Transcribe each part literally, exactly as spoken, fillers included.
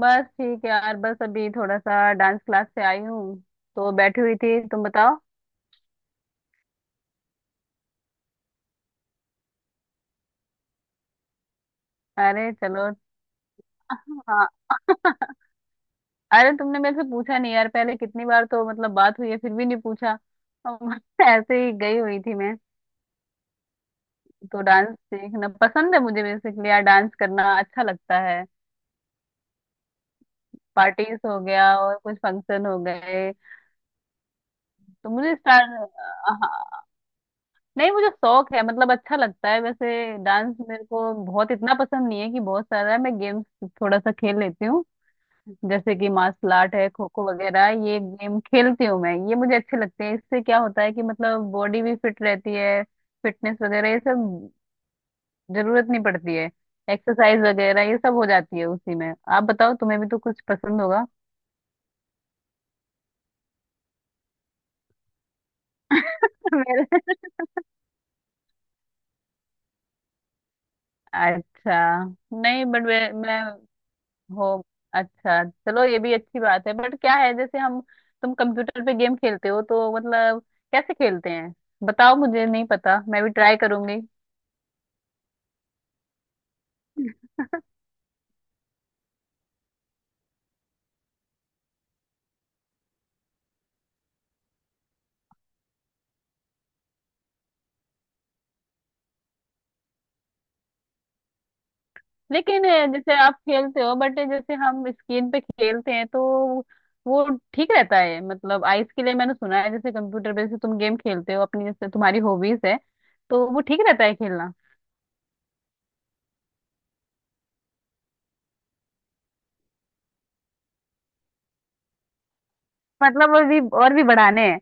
बस ठीक है यार। बस अभी थोड़ा सा डांस क्लास से आई हूँ, तो बैठी हुई थी। तुम बताओ। अरे चलो, हाँ। अरे तुमने मेरे से पूछा नहीं यार, पहले कितनी बार तो मतलब बात हुई है, फिर भी नहीं पूछा। अम, ऐसे ही गई हुई थी मैं। तो डांस सीखना पसंद है मुझे, बेसिकली यार डांस करना अच्छा लगता है। पार्टीज हो गया और कुछ फंक्शन हो गए। तो मुझे स्टार नहीं, मुझे शौक है, मतलब अच्छा लगता है वैसे। डांस मेरे को बहुत इतना पसंद नहीं है कि बहुत सारा है। मैं गेम्स थोड़ा सा खेल लेती हूँ, जैसे कि मार्शल आर्ट है, खो खो वगैरह ये गेम खेलती हूँ मैं। ये मुझे अच्छे लगते हैं। इससे क्या होता है कि मतलब बॉडी भी फिट रहती है, फिटनेस वगैरह, ये सब जरूरत नहीं पड़ती है। एक्सरसाइज वगैरह ये सब हो जाती है उसी में। आप बताओ, तुम्हें भी तो कुछ पसंद होगा। मेरे अच्छा नहीं बट मैं हो अच्छा चलो, ये भी अच्छी बात है। बट क्या है जैसे हम, तुम कंप्यूटर पे गेम खेलते हो तो मतलब कैसे खेलते हैं? बताओ, मुझे नहीं पता, मैं भी ट्राई करूंगी। लेकिन अ, जैसे आप खेलते हो, बट जैसे हम स्क्रीन पे खेलते हैं तो वो ठीक रहता है मतलब आइस के लिए? मैंने सुना है जैसे कंप्यूटर पे जैसे तुम गेम खेलते हो, अपनी जैसे तुम्हारी हॉबीज है तो वो ठीक रहता है खेलना? मतलब और भी और भी बढ़ाने हैं।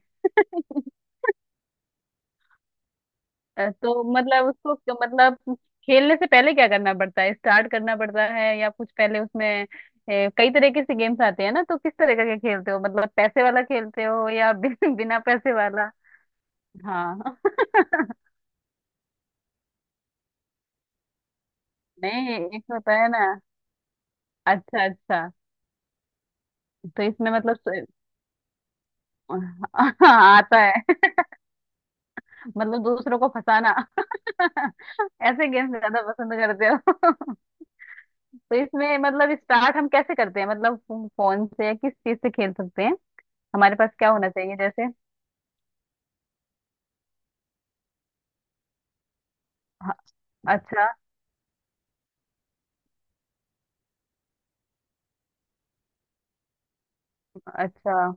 अ, तो मतलब उसको क- मतलब खेलने से पहले क्या करना पड़ता है? स्टार्ट करना पड़ता है या कुछ पहले उसमें? अ, कई तरीके से गेम्स आते हैं ना, तो किस तरह का क्या खेलते हो? मतलब पैसे वाला खेलते हो या बि, बिना पैसे वाला? हाँ। नहीं, एक होता है ना। अच्छा अच्छा। तो इसमें मतलब स- आता है। मतलब दूसरों को फंसाना। ऐसे गेम ज्यादा पसंद करते हो। तो इसमें मतलब स्टार्ट हम कैसे करते हैं मतलब? फोन से या किस चीज से खेल सकते हैं? हमारे पास क्या होना चाहिए जैसे? ह- अच्छा, अच्छा।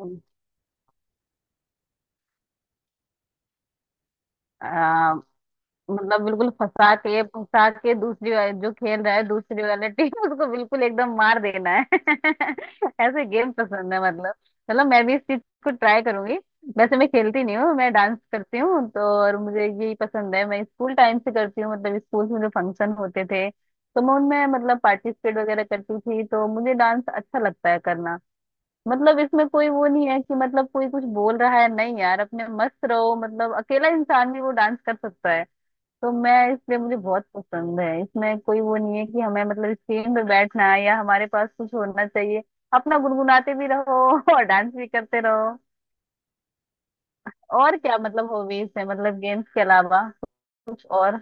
हम्म, आ, मतलब बिल्कुल फंसा के, फंसा के दूसरी वाले जो खेल रहा है, दूसरी वाले टीम उसको बिल्कुल एकदम मार देना है। ऐसे गेम पसंद है मतलब। चलो, मैं भी इस चीज को ट्राई करूंगी। वैसे मैं खेलती नहीं हूँ, मैं डांस करती हूँ तो, और मुझे यही पसंद है। मैं स्कूल टाइम से करती हूँ, मतलब स्कूल में जो फंक्शन होते थे तो मैं उनमें मतलब पार्टिसिपेट वगैरह करती थी। तो मुझे डांस अच्छा लगता है करना। मतलब इसमें कोई वो नहीं है कि मतलब कोई कुछ बोल रहा है, नहीं यार, अपने मस्त रहो, मतलब अकेला इंसान भी वो डांस कर सकता है। तो मैं इसलिए, मुझे बहुत पसंद है। इसमें कोई वो नहीं है कि हमें मतलब स्क्रीन पे बैठना है या हमारे पास कुछ होना चाहिए। अपना गुनगुनाते भी रहो और डांस भी करते रहो। और क्या मतलब हॉबीज है मतलब गेम्स के अलावा कुछ और?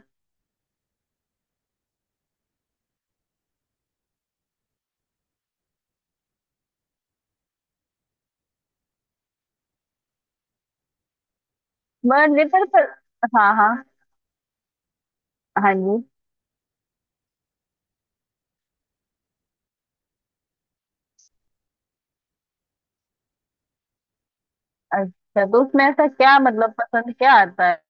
मैं लेकर हाँ हाँ। हाँ जी। अच्छा, तो उसमें ऐसा क्या मतलब पसंद क्या आता है?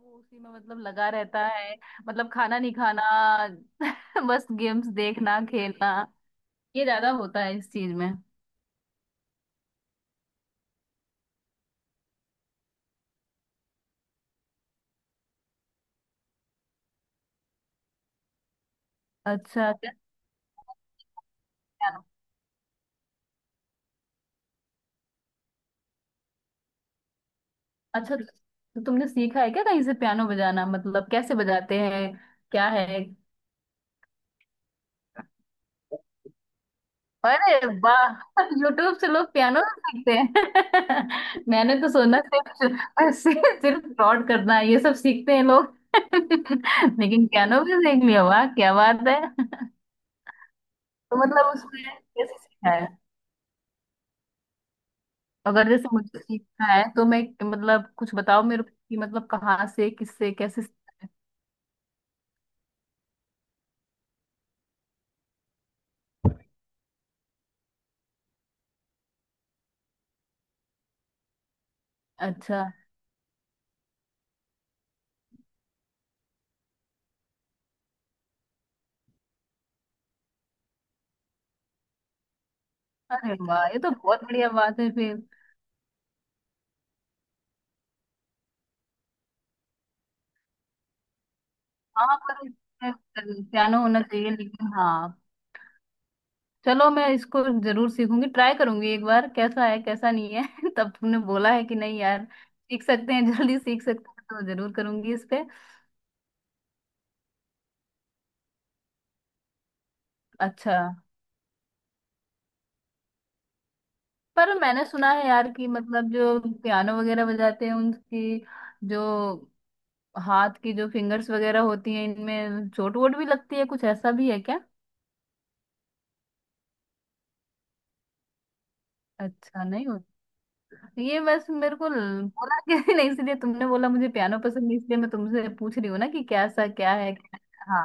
वो उसी में मतलब लगा रहता है। मतलब खाना नहीं खाना। बस गेम्स देखना, खेलना, ये ज्यादा होता है इस चीज में। अच्छा क्या? पियानो? अच्छा, तो तुमने सीखा है क्या कहीं से पियानो बजाना? मतलब कैसे बजाए, क्या है? अरे वाह। यूट्यूब से लोग पियानो भी सीखते हैं। मैंने तो सोना सिर्फ सिर्फ फ्रॉड करना है, ये सब सीखते हैं लोग। लेकिन पियानो भी सीख लिया, वाह क्या बात है। तो मतलब उसने कैसे सीखा? अगर जैसे मुझे सीखना है तो मैं मतलब कुछ बताओ मेरे को कि मतलब कहाँ से, किससे, कैसे? अच्छा। अरे वाह, ये तो बहुत बढ़िया बात है फिर। हाँ पर पियानो होना चाहिए, लेकिन हाँ चलो, मैं इसको जरूर सीखूंगी, ट्राई करूंगी एक बार कैसा है कैसा नहीं है। तब तुमने बोला है कि नहीं यार सीख सकते हैं जल्दी सीख सकते हैं, तो जरूर करूंगी इस पे। अच्छा। पर मैंने सुना है यार कि मतलब जो पियानो वगैरह बजाते हैं उनकी जो हाथ की जो फिंगर्स वगैरह होती हैं, इनमें चोट वोट भी लगती है, कुछ ऐसा भी है क्या? अच्छा नहीं होता। ये बस मेरे को ल- बोला कि नहीं, इसलिए तुमने बोला मुझे पियानो पसंद है, इसलिए मैं तुमसे पूछ रही हूँ ना कि कैसा क्या है क्या। हाँ।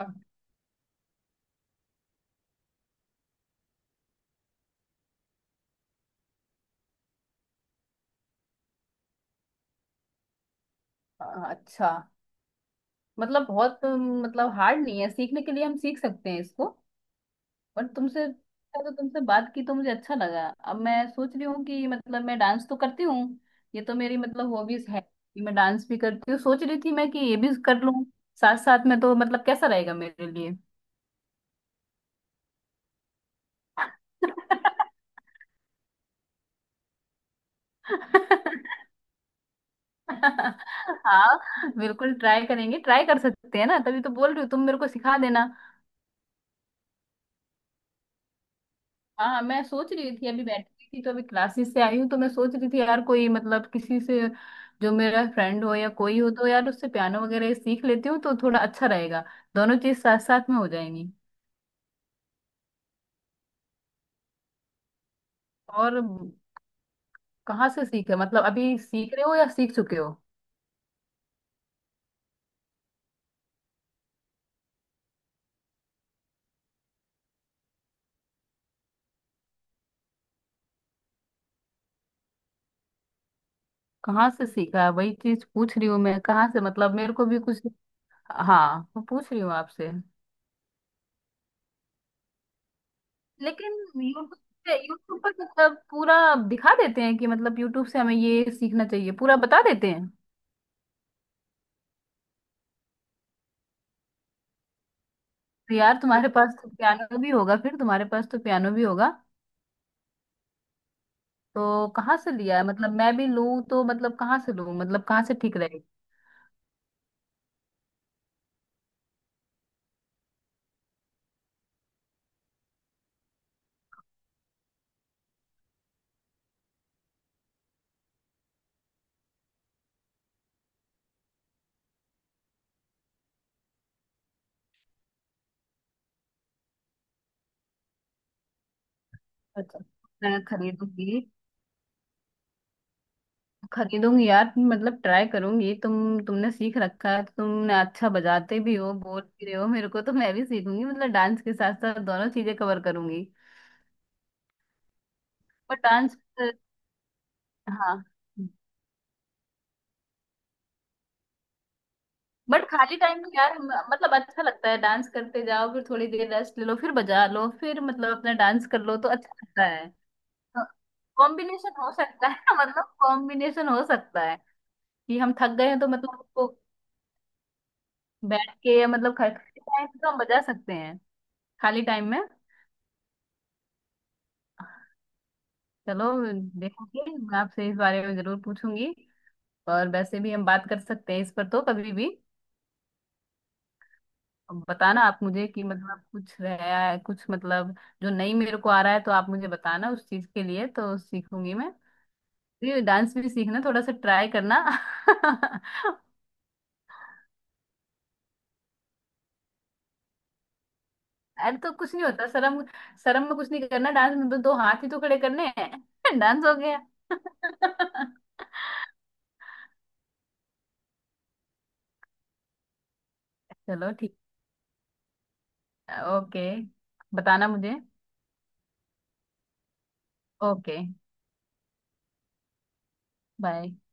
अ- अच्छा, मतलब बहुत अम, मतलब हार्ड नहीं है सीखने के लिए, हम सीख सकते हैं इसको। पर तुमसे तो, तुमसे बात की तो मुझे अच्छा लगा। अब मैं सोच रही हूँ कि मतलब मैं डांस तो करती हूँ, ये तो मेरी मतलब हॉबीज है कि मैं डांस भी करती हूँ। सोच रही थी मैं कि ये भी कर लूँ साथ साथ में। तो मतलब कैसा रहेगा मेरे लिए? हाँ बिल्कुल ट्राई करेंगे, ट्राई कर सकते हैं ना, तभी तो बोल रही हूँ, तुम मेरे को सिखा देना। हाँ मैं सोच रही थी, अभी बैठी हुई थी तो, अभी क्लासेस से आई हूँ तो मैं सोच रही थी यार, कोई मतलब किसी से, जो मेरा फ्रेंड हो या कोई हो तो यार उससे पियानो वगैरह सीख लेती हूँ तो थोड़ा अच्छा रहेगा। दोनों चीज साथ साथ में हो जाएंगी। और कहाँ से सीखा मतलब, अभी सीख रहे हो या सीख चुके हो? कहाँ से सीखा, वही चीज पूछ रही हूँ मैं, कहाँ से मतलब, मेरे को भी कुछ। हाँ मैं पूछ रही हूँ आपसे। लेकिन यूट्यूब पे, यूट्यूब पर मतलब पूरा दिखा देते हैं कि मतलब यूट्यूब से हमें ये सीखना चाहिए, पूरा बता देते हैं? तो यार तुम्हारे पास तो पियानो भी होगा फिर, तुम्हारे पास तो पियानो भी होगा। तो कहाँ से लिया है मतलब, मैं भी लूँ तो मतलब कहाँ से लूँ, मतलब कहाँ से ठीक रहेगा? अच्छा। मैं खरीदूंगी, खरीदूंगी यार, मतलब ट्राई करूंगी। तुम, तुमने सीख रखा है तो, तुमने अच्छा बजाते भी हो, बोल भी रहे हो मेरे को, तो मैं भी सीखूंगी, मतलब डांस के साथ साथ दोनों चीजें कवर करूंगी। पर डांस हाँ। बट खाली टाइम में यार म- मतलब अच्छा लगता है, डांस करते जाओ फिर थोड़ी देर रेस्ट ले लो, फिर बजा लो, फिर मतलब अपना डांस कर लो, तो अच्छा लगता है। कॉम्बिनेशन हो सकता है ना, मतलब कॉम्बिनेशन हो सकता है कि हम थक गए हैं तो मतलब उसको बैठ के, या मतलब खा- खाली टाइम तो हम बजा सकते हैं, खाली टाइम में। चलो, देखूंगी मैं, आपसे इस बारे में जरूर पूछूंगी। और वैसे भी हम बात कर सकते हैं इस पर तो कभी भी। अब बताना आप मुझे कि मतलब कुछ रहा है कुछ मतलब, जो नहीं मेरे को आ रहा है, तो आप मुझे बताना, उस चीज के लिए तो सीखूंगी मैं। डांस भी सीखना थोड़ा सा, ट्राई करना। अरे तो कुछ नहीं होता शर्म, शर्म में कुछ नहीं करना, डांस में तो दो हाथ ही तो खड़े करने हैं डांस हो गया। चलो, ठीक। ओके, बताना मुझे। Okay, bye.